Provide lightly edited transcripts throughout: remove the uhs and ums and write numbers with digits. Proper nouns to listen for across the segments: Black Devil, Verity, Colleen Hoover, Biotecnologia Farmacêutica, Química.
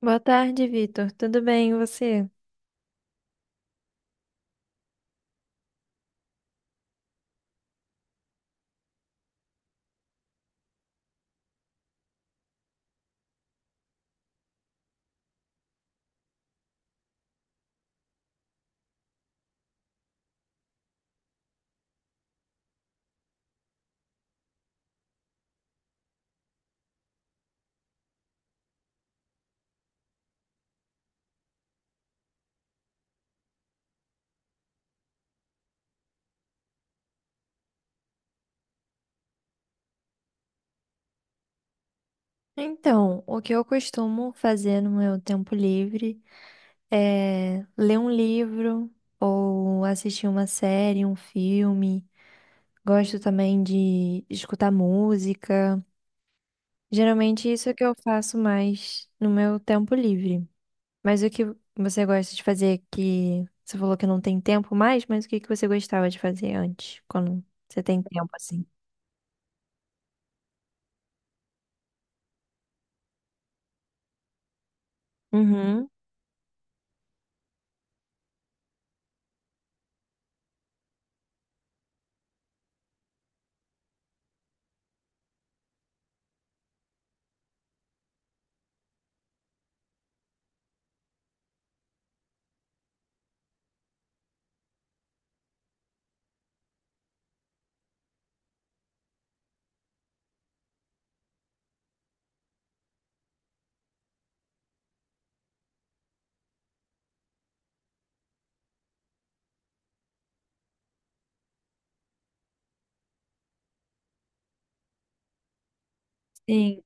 Boa tarde, Vitor. Tudo bem, e você? Então, o que eu costumo fazer no meu tempo livre é ler um livro ou assistir uma série, um filme. Gosto também de escutar música. Geralmente isso é o que eu faço mais no meu tempo livre. Mas o que você gosta de fazer que você falou que não tem tempo mais, mas o que você gostava de fazer antes, quando você tem tempo assim? Uhum. Sim.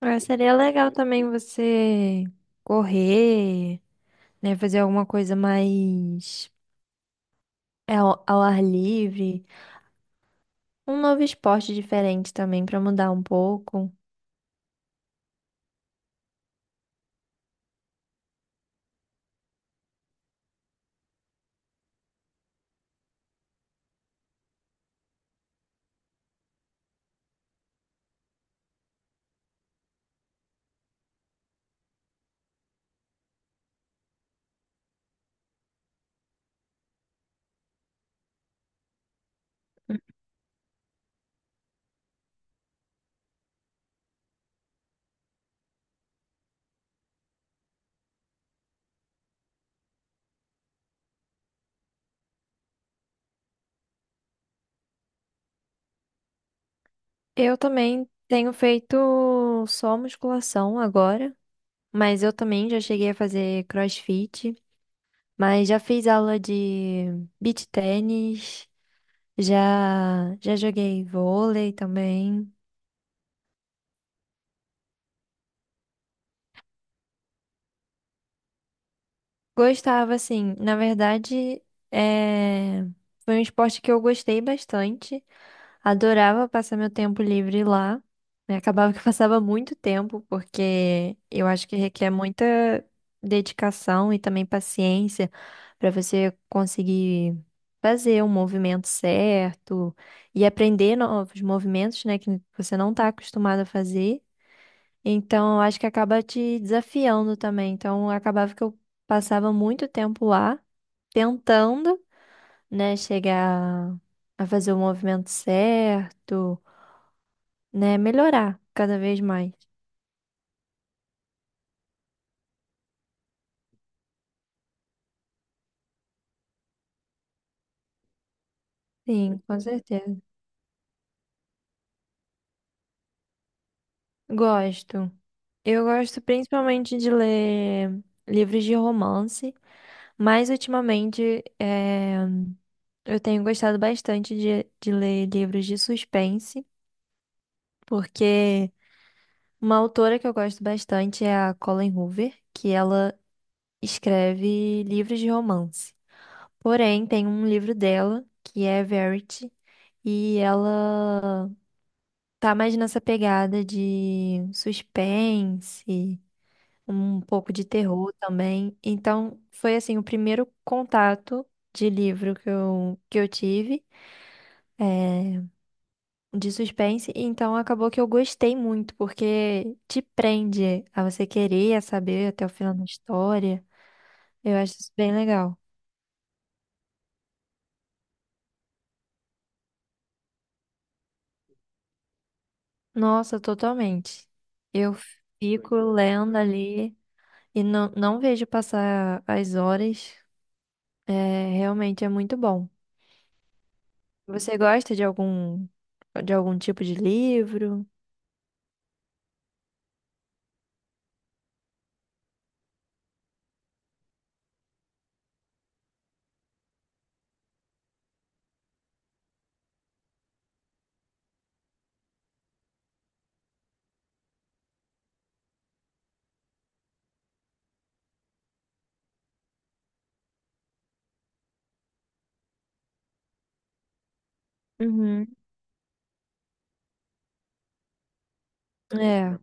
Ah, seria legal também você correr, né? Fazer alguma coisa mais ao, ao ar livre. Um novo esporte diferente também pra mudar um pouco. Eu também tenho feito só musculação agora, mas eu também já cheguei a fazer CrossFit, mas já fiz aula de beach tennis, já joguei vôlei também. Gostava, assim. Na verdade, é, foi um esporte que eu gostei bastante. Adorava passar meu tempo livre lá, né? Acabava que eu passava muito tempo, porque eu acho que requer muita dedicação e também paciência para você conseguir fazer um movimento certo e aprender novos movimentos, né, que você não está acostumado a fazer. Então, eu acho que acaba te desafiando também. Então, acabava que eu passava muito tempo lá tentando, né, chegar a fazer o movimento certo, né, melhorar cada vez mais. Sim, com certeza. Gosto. Eu gosto principalmente de ler livros de romance, mas ultimamente eu tenho gostado bastante de ler livros de suspense, porque uma autora que eu gosto bastante é a Colleen Hoover, que ela escreve livros de romance. Porém, tem um livro dela que é Verity, e ela tá mais nessa pegada de suspense, um pouco de terror também. Então, foi assim o primeiro contato de livro que eu tive. É, de suspense, e então acabou que eu gostei muito, porque te prende a você querer saber até o final da história. Eu acho isso bem legal. Nossa, totalmente. Eu fico lendo ali e não vejo passar as horas. É, realmente é muito bom. Você gosta de algum tipo de livro? Uhum. É.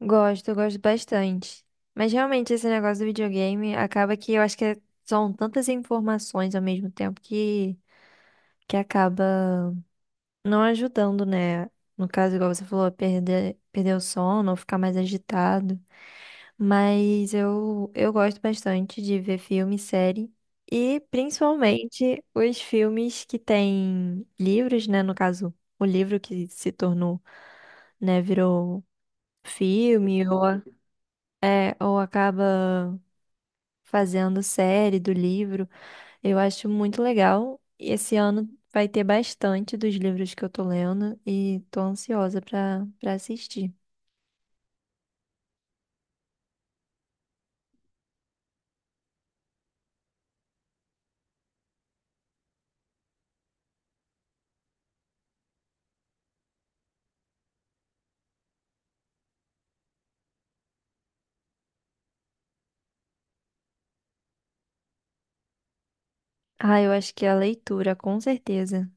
Gosto, eu gosto bastante. Mas realmente esse negócio do videogame acaba que eu acho que é- são tantas informações ao mesmo tempo que acaba não ajudando, né? No caso, igual você falou, perder o sono ou ficar mais agitado. Mas eu gosto bastante de ver filme, série. E principalmente os filmes que têm livros, né? No caso, o livro que se tornou, né, virou filme ou ou acaba fazendo série do livro. Eu acho muito legal. E esse ano vai ter bastante dos livros que eu tô lendo e tô ansiosa pra para assistir. Ah, eu acho que a leitura, com certeza,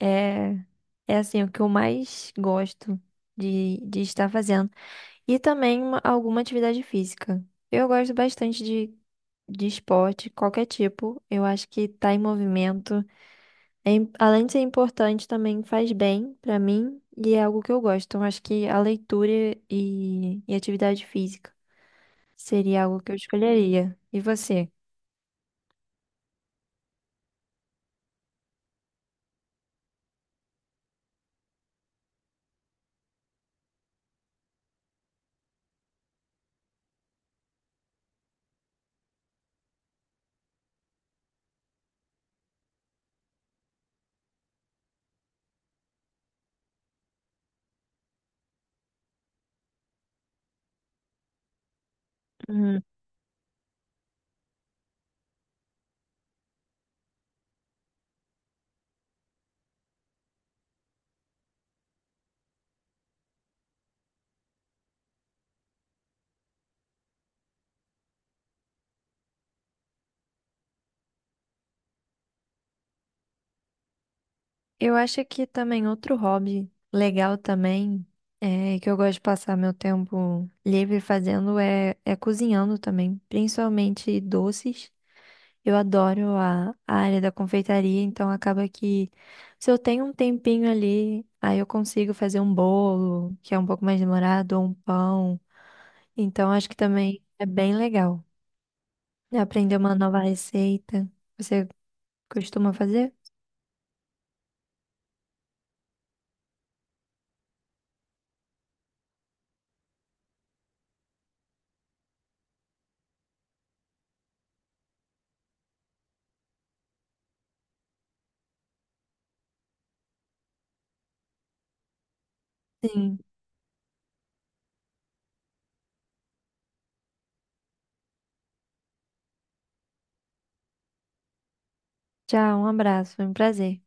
é é assim o que eu mais gosto de estar fazendo. E também alguma atividade física. Eu gosto bastante de esporte, qualquer tipo. Eu acho que tá em movimento. Além de ser importante, também faz bem pra mim e é algo que eu gosto. Então, acho que a leitura e atividade física seria algo que eu escolheria. E você? Uhum. Eu acho que também outro hobby legal também, é, que eu gosto de passar meu tempo livre fazendo é, é cozinhando também, principalmente doces. Eu adoro a área da confeitaria, então acaba que se eu tenho um tempinho ali, aí eu consigo fazer um bolo, que é um pouco mais demorado, ou um pão. Então acho que também é bem legal aprender uma nova receita. Você costuma fazer? Sim. Tchau, um abraço, foi um prazer.